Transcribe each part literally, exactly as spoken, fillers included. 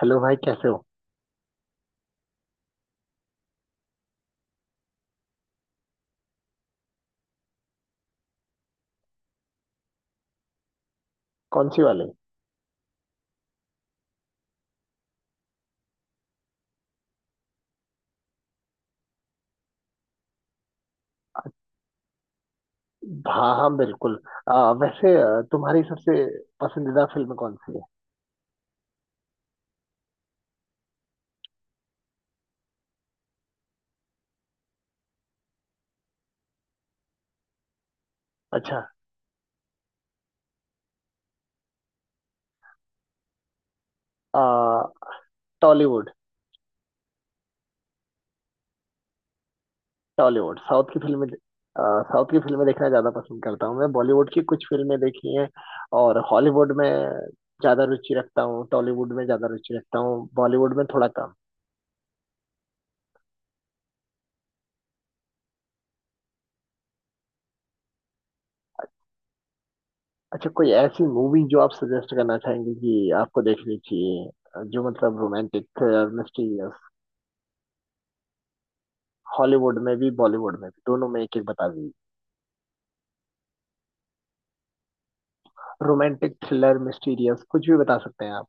Hello भाई, कैसे हो? कौन सी वाली? हाँ, हाँ, बिल्कुल। आ, वैसे आ, तुम्हारी सबसे पसंदीदा फिल्म कौन सी है? अच्छा। आ, टॉलीवुड। टॉलीवुड, साउथ की फिल्में आ, साउथ की फिल्में देखना ज़्यादा पसंद करता हूँ। मैं बॉलीवुड की कुछ फिल्में देखी हैं। और हॉलीवुड में ज़्यादा रुचि रखता हूँ टॉलीवुड में ज़्यादा रुचि रखता हूँ, बॉलीवुड में थोड़ा कम। अच्छा, कोई ऐसी मूवी जो आप सजेस्ट करना चाहेंगे कि आपको देखनी चाहिए, जो मतलब रोमांटिक, मिस्टीरियस। हॉलीवुड में भी, बॉलीवुड में भी, दोनों में एक एक बता दीजिए। रोमांटिक, थ्रिलर, मिस्टीरियस, कुछ भी बता सकते हैं आप।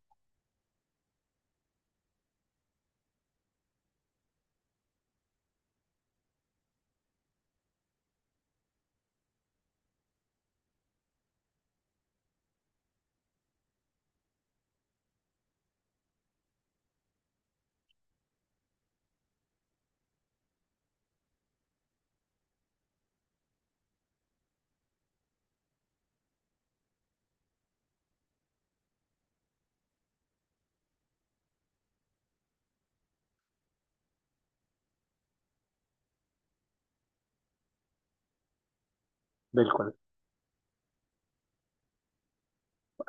बिल्कुल।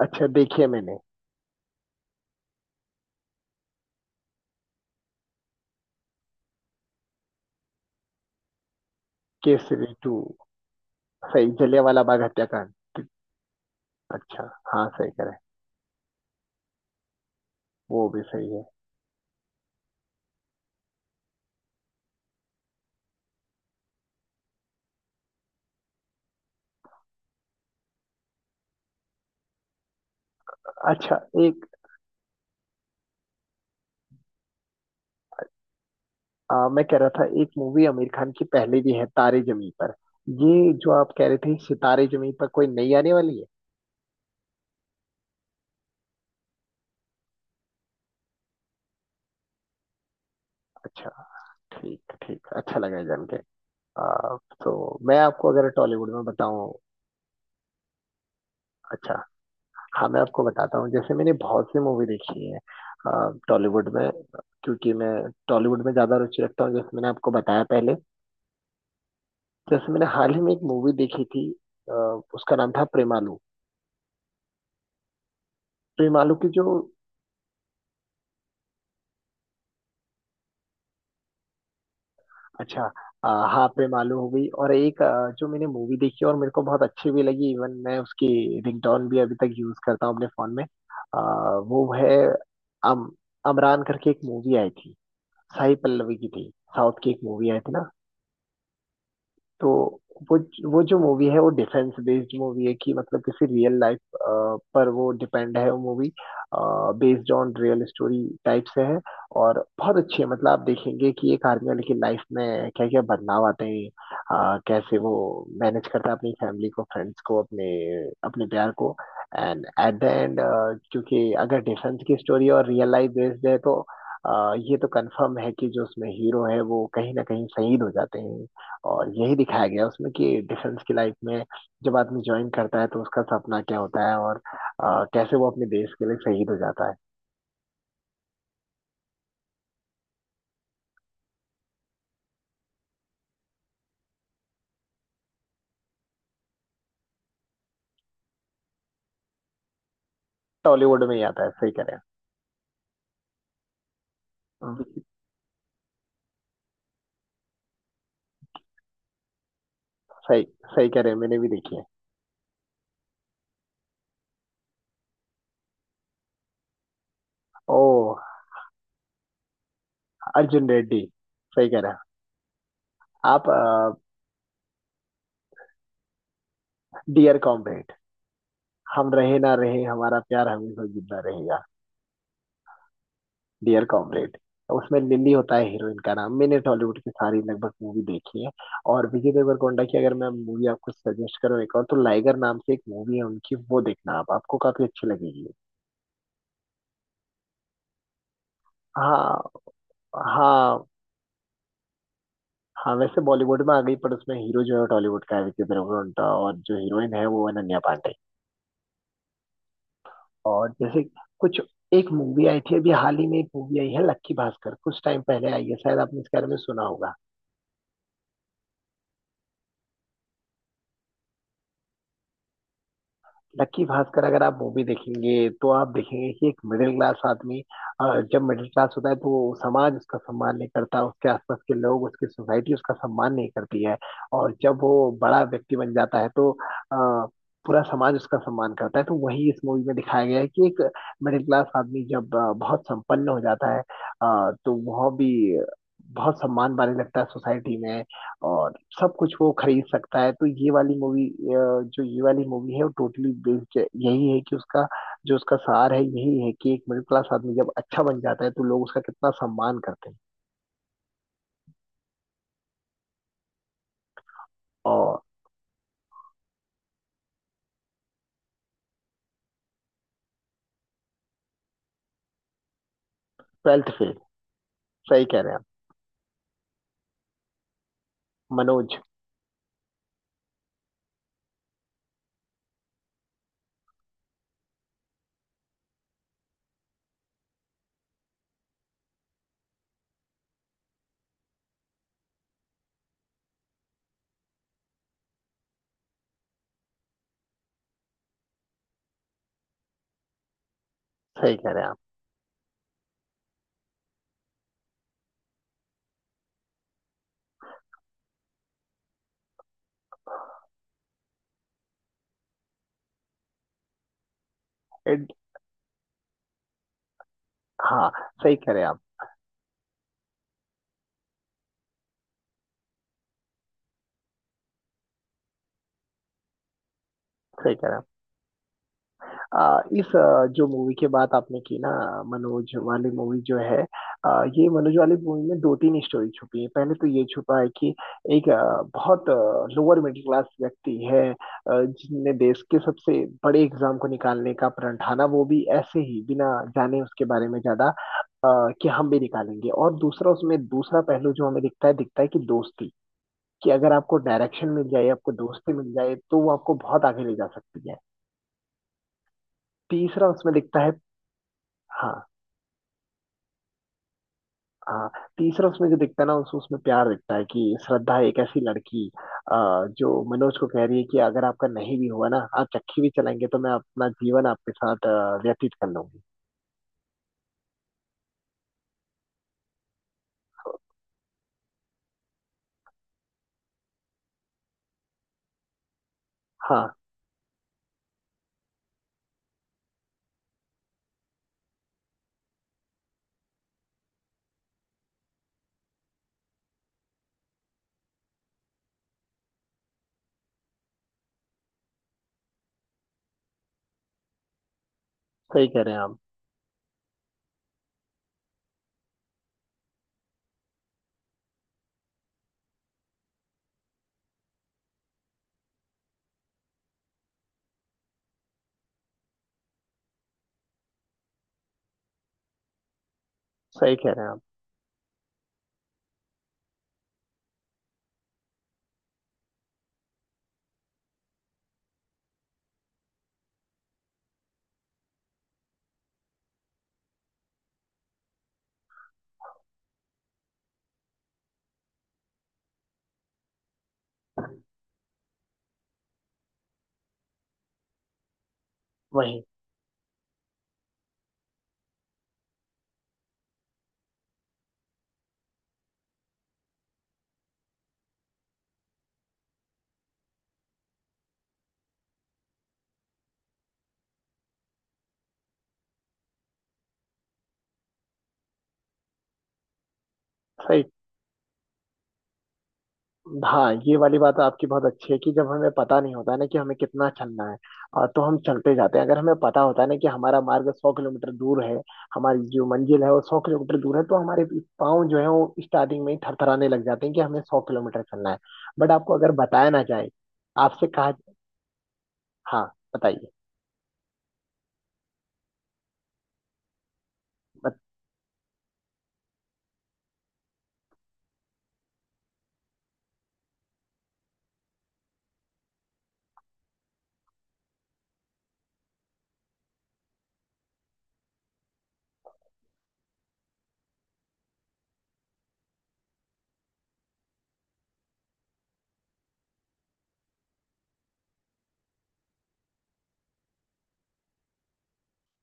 अच्छा, देखिए, मैंने। केसरी टू। सही, जलियांवाला बाग हत्याकांड। अच्छा। हाँ, सही कह रहे हैं। वो भी सही है। अच्छा, एक आ, मैं कह रहा था एक मूवी आमिर खान की पहले भी है, तारे जमी पर। ये जो आप कह रहे थे सितारे जमी पर, कोई नई आने वाली है? अच्छा। ठीक ठीक, अच्छा लगा जान के। आ, तो मैं आपको अगर टॉलीवुड में बताऊं। अच्छा। हाँ, मैं आपको बताता हूँ। जैसे मैंने बहुत सी मूवी देखी है टॉलीवुड में, क्योंकि मैं टॉलीवुड में ज्यादा रुचि रखता हूँ, जैसे मैंने आपको बताया पहले। जैसे मैंने हाल ही में एक मूवी देखी थी। अ, उसका नाम था प्रेमालू। प्रेमालू की जो। अच्छा। अ, हाँ, प्रेमालू हो गई। और एक, अ, जो मैंने मूवी देखी और मेरे को बहुत अच्छी भी लगी, इवन मैं उसकी रिंगटोन भी अभी तक यूज करता हूँ अपने फोन में। अ, वो है, अम अमरान करके एक मूवी आई थी। साई पल्लवी की थी। साउथ की एक मूवी आई थी ना। तो वो, वो जो मूवी है वो डिफेंस बेस्ड मूवी है कि मतलब किसी रियल लाइफ पर वो डिपेंड है वो movie, based on real story type से है। और बहुत अच्छी है। मतलब आप देखेंगे कि एक आर्मी वाले की लाइफ में क्या क्या बदलाव आते हैं, अ, कैसे वो मैनेज करता है अपनी फैमिली को, फ्रेंड्स को, अपने अपने प्यार को। एंड एट द एंड, क्योंकि अगर डिफेंस की स्टोरी और रियल लाइफ बेस्ड है तो अ, ये तो कंफर्म है कि जो उसमें हीरो है वो कहीं ना कहीं शहीद हो जाते हैं। और यही दिखाया गया उसमें कि डिफेंस की लाइफ में जब आदमी ज्वाइन करता है तो उसका सपना क्या होता है, और अ, कैसे वो अपने देश के लिए शहीद हो जाता है। टॉलीवुड में ही आता है, सही कह रहे हैं। हम्म। सही, सही कह रहे हैं, मैंने भी देखी है। ओ, अर्जुन रेड्डी। सही कह रहे हैं आप। Dear comrade. हम रहे ना रहे, हमारा प्यार हमेशा जिंदा रहेगा। Dear comrade. उसमें लिली होता है हीरोइन का नाम। मैंने टॉलीवुड की सारी लगभग मूवी देखी है। और विजय देवरकोंडा की अगर मैं मूवी आपको सजेस्ट करूँ एक और, तो लाइगर नाम से एक मूवी है उनकी, वो देखना आप, आपको काफी अच्छी लगेगी। हाँ, हाँ। हाँ, वैसे बॉलीवुड में आ गई पर उसमें हीरो जो है टॉलीवुड का है, विजय देवरकोंडा, और जो हीरोइन है वो है अनन्या पांडे। और जैसे कुछ, एक मूवी आई थी अभी हाल ही में एक मूवी आई है लक्की भास्कर, कुछ टाइम पहले आई है, शायद आपने इसके बारे में सुना होगा। लक्की भास्कर अगर आप मूवी देखेंगे तो आप देखेंगे कि एक मिडिल क्लास आदमी, अ, जब मिडिल क्लास होता है तो समाज उसका सम्मान नहीं करता, उसके आसपास के लोग, उसकी सोसाइटी उसका सम्मान नहीं करती है। और जब वो बड़ा व्यक्ति बन जाता है तो अ, पूरा समाज उसका सम्मान करता है। तो वही इस मूवी में दिखाया गया है कि एक मिडिल क्लास आदमी जब अ, बहुत संपन्न हो जाता है, अ, तो वह भी बहुत सम्मान पाने लगता है सोसाइटी में। और सब कुछ वो खरीद सकता है। तो ये वाली मूवी जो ये वाली मूवी है वो टोटली बेस्ड यही है कि उसका, जो उसका सार है यही है कि एक मिडिल क्लास आदमी जब अच्छा बन जाता है तो लोग उसका कितना सम्मान करते हैं। और, ट्वेल्थ फेल। सही कह रहे हैं आप। मनोज। सही कह रहे हैं आप। एड। हाँ। सही कह रहे हैं आप। सही कह रहे हैं आप। आ, इस आ, जो मूवी की बात आपने की ना, मनोज वाली मूवी जो है, आ, ये मनोज वाली मूवी में दो तीन स्टोरी छुपी है। पहले तो ये छुपा है कि एक आ, बहुत लोअर मिडिल क्लास व्यक्ति है, आ, जिसने देश के सबसे बड़े एग्जाम को निकालने का प्रण ठाना, वो भी ऐसे ही बिना जाने उसके बारे में ज्यादा, आ, कि हम भी निकालेंगे। और दूसरा, उसमें दूसरा पहलू जो हमें दिखता है, दिखता है कि दोस्ती, कि अगर आपको डायरेक्शन मिल जाए, आपको दोस्ती मिल जाए, तो वो आपको बहुत आगे ले जा सकती है। तीसरा उसमें दिखता है। हाँ। हाँ। तीसरा उसमें जो दिखता है ना, उस उसमें प्यार दिखता है कि श्रद्धा एक ऐसी लड़की, आ, जो मनोज को कह रही है कि अगर आपका नहीं भी हुआ ना, आप चक्की भी चलाएंगे तो मैं अपना जीवन आपके साथ अ, व्यतीत कर लूंगी। हाँ, सही कह रहे हैं आप। सही कह रहे हैं आप। वही। सही। हाँ, ये वाली बात आपकी बहुत अच्छी है कि जब हमें पता नहीं होता है ना कि हमें कितना चलना है और तो हम चलते जाते हैं। अगर हमें पता होता है ना कि हमारा मार्ग सौ किलोमीटर दूर है, हमारी जो मंजिल है वो सौ किलोमीटर दूर है, तो हमारे पाँव जो है वो स्टार्टिंग में ही थरथराने लग जाते हैं कि हमें सौ किलोमीटर चलना है। बट आपको अगर बताया ना जाए, आपसे कहा। हाँ। बताइए। बत,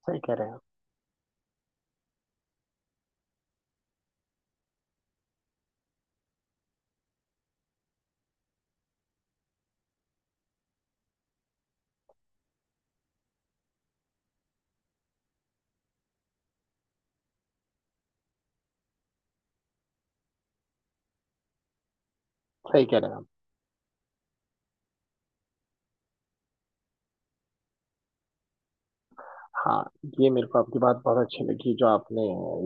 सही कह रहे हैं आप, सही कह रहे हैं आप। हाँ, ये मेरे को आपकी बात बहुत अच्छी लगी, जो आपने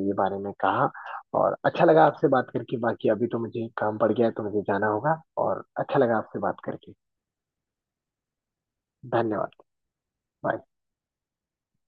ये बारे में कहा। और अच्छा लगा आपसे बात करके। बाकी अभी तो मुझे काम पड़ गया है, तो मुझे जाना होगा। और अच्छा लगा आपसे बात करके। धन्यवाद। बाय।